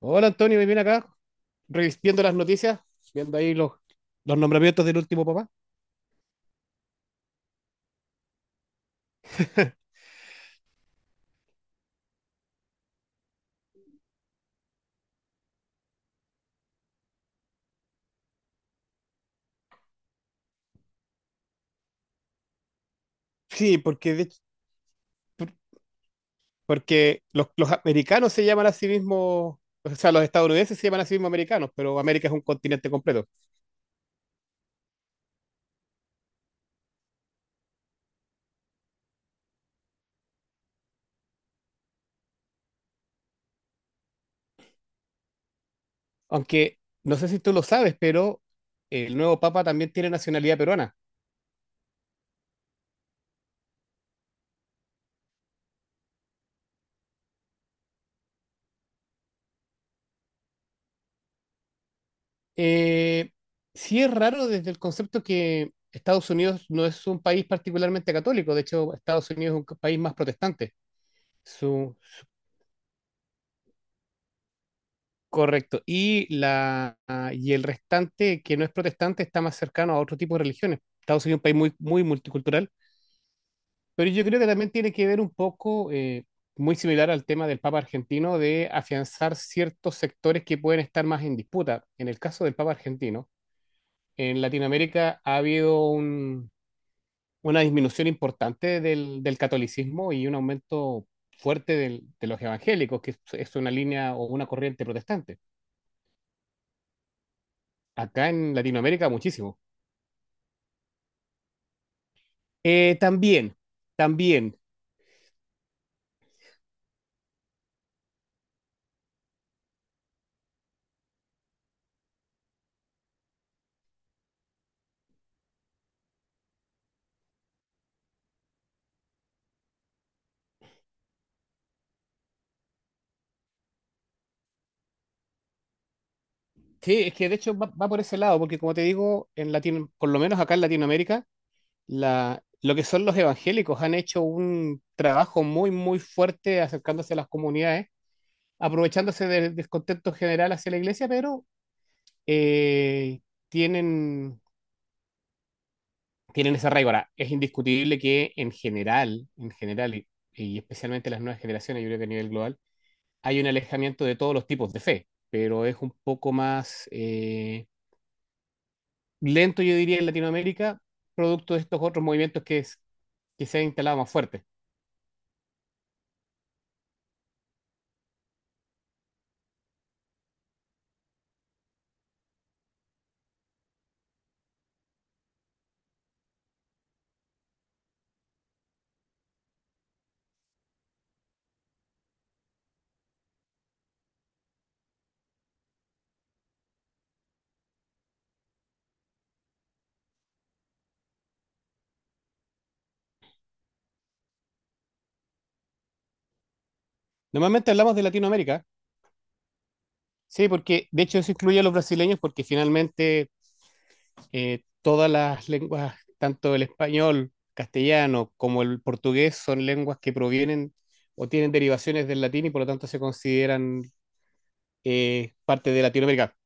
Hola Antonio, me viene acá revistiendo las noticias, viendo ahí los nombramientos del último papá. Sí, porque, por- porque los americanos se llaman a sí mismos, o sea, los estadounidenses se llaman a sí mismos americanos, pero América es un continente completo. Aunque no sé si tú lo sabes, pero el nuevo papa también tiene nacionalidad peruana. Eh, sí es raro desde el concepto que Estados Unidos no es un país particularmente católico, de hecho Estados Unidos es un país más protestante. Su, Correcto. Y el restante, que no es protestante, está más cercano a otro tipo de religiones. Estados Unidos es un país muy multicultural, pero yo creo que también tiene que ver un poco, muy similar al tema del Papa argentino, de afianzar ciertos sectores que pueden estar más en disputa. En el caso del Papa argentino, en Latinoamérica ha habido una disminución importante del catolicismo y un aumento fuerte de los evangélicos, que es una línea o una corriente protestante. Acá en Latinoamérica, muchísimo. También, también. Sí, es que de hecho va por ese lado, porque como te digo, en Latino, por lo menos acá en Latinoamérica, lo que son los evangélicos han hecho un trabajo muy fuerte acercándose a las comunidades, aprovechándose del descontento general hacia la iglesia, pero eh, tienen, tienen ese arraigo. Ahora, es indiscutible que en general, y especialmente las nuevas generaciones, yo creo que a nivel global, hay un alejamiento de todos los tipos de fe, pero es un poco lento, yo diría, en Latinoamérica, producto de estos otros movimientos que se han instalado más fuertes. Normalmente hablamos de Latinoamérica, sí, porque de hecho eso incluye a los brasileños, porque finalmente todas las lenguas, tanto el español, castellano como el portugués, son lenguas que provienen o tienen derivaciones del latín y por lo tanto se consideran parte de Latinoamérica.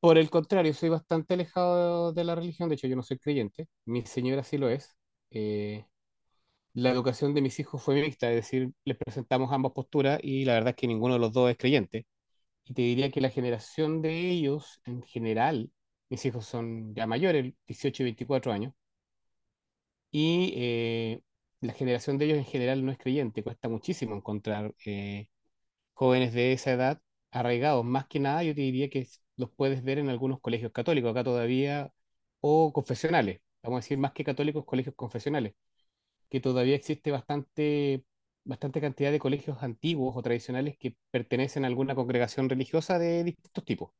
Por el contrario, soy bastante alejado de la religión, de hecho yo no soy creyente, mi señora sí lo es. eh, la educación de mis hijos fue mixta, es decir, les presentamos ambas posturas y la verdad es que ninguno de los dos es creyente. Y te diría que la generación de ellos en general, mis hijos son ya mayores, 18 y 24 años, y la generación de ellos en general no es creyente, cuesta muchísimo encontrar jóvenes de esa edad arraigados. Más que nada, yo te diría que los puedes ver en algunos colegios católicos acá todavía, o confesionales, vamos a decir más que católicos, colegios confesionales que todavía existe bastante cantidad de colegios antiguos o tradicionales que pertenecen a alguna congregación religiosa de distintos tipos.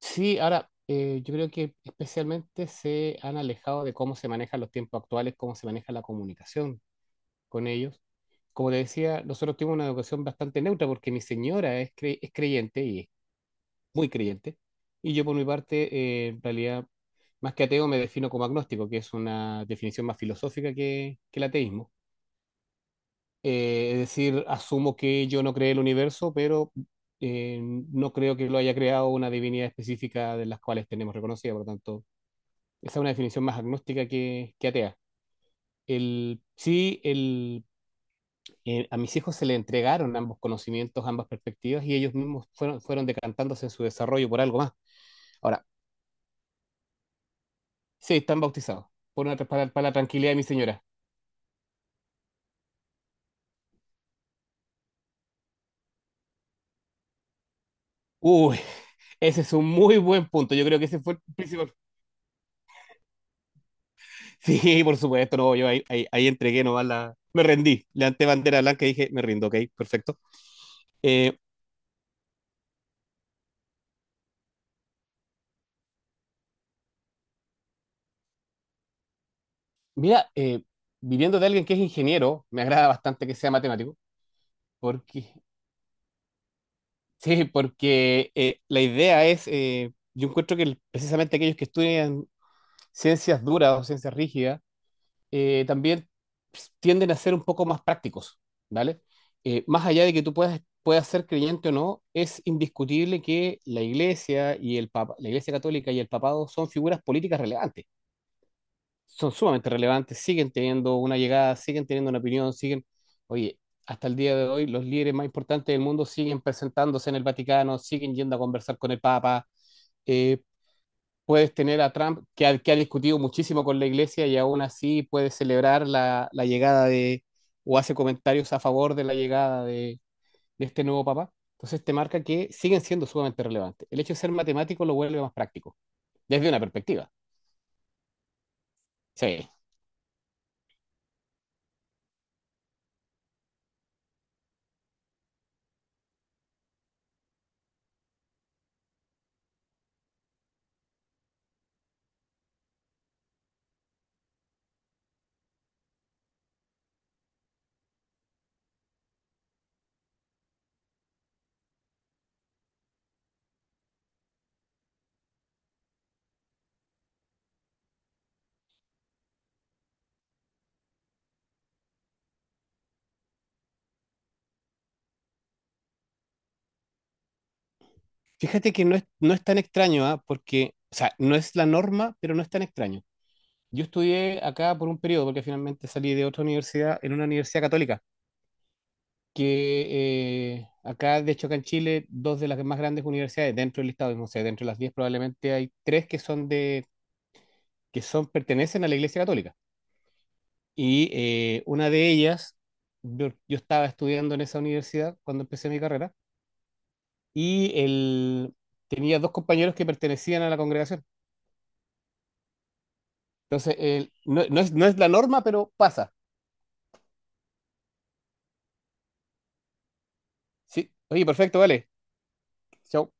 Sí, ahora, yo creo que especialmente se han alejado de cómo se manejan los tiempos actuales, cómo se maneja la comunicación con ellos. Como te decía, nosotros tuvimos una educación bastante neutra porque mi señora es creyente y es muy creyente. Y yo por mi parte, en realidad, más que ateo, me defino como agnóstico, que es una definición más filosófica que el ateísmo. Es decir, asumo que yo no creé el universo, pero no creo que lo haya creado una divinidad específica de las cuales tenemos reconocida. Por lo tanto, esa es una definición más agnóstica que atea. El, sí, el, a mis hijos se le entregaron ambos conocimientos, ambas perspectivas, y ellos mismos fueron decantándose en su desarrollo por algo más. Ahora, sí, están bautizados, para la tranquilidad de mi señora. Uy, ese es un muy buen punto. Yo creo que ese fue el principal. Sí, por supuesto, no, yo ahí entregué nomás la... Me rendí, levanté bandera blanca y dije, me rindo, ok, perfecto. Eh, mira, viniendo de alguien que es ingeniero, me agrada bastante que sea matemático, porque sí, porque yo encuentro que precisamente aquellos que estudian ciencias duras o ciencias rígidas, también tienden a ser un poco más prácticos, ¿vale? Más allá de que tú puedas ser creyente o no, es indiscutible que la Iglesia y la Iglesia Católica y el Papado son figuras políticas relevantes, son sumamente relevantes, siguen teniendo una llegada, siguen teniendo una opinión, siguen, oye, hasta el día de hoy los líderes más importantes del mundo siguen presentándose en el Vaticano, siguen yendo a conversar con el Papa. Eh, puedes tener a Trump, que ha discutido muchísimo con la iglesia y aún así puede celebrar la llegada de, o hace comentarios a favor de la llegada de este nuevo papa. Entonces te marca que siguen siendo sumamente relevantes. El hecho de ser matemático lo vuelve más práctico, desde una perspectiva. Sí. Fíjate que no es tan extraño, ¿ah? Porque, o sea, no es la norma, pero no es tan extraño. Yo estudié acá por un periodo, porque finalmente salí de otra universidad, en una universidad católica. Que de hecho, acá en Chile, dos de las más grandes universidades dentro del Estado, no sé, dentro de las 10 probablemente hay tres que son que son, pertenecen a la Iglesia Católica. Y una de ellas, yo estaba estudiando en esa universidad cuando empecé mi carrera, y tenía dos compañeros que pertenecían a la congregación. Entonces, no, no es la norma, pero pasa. Sí. Oye, perfecto, vale. Chao.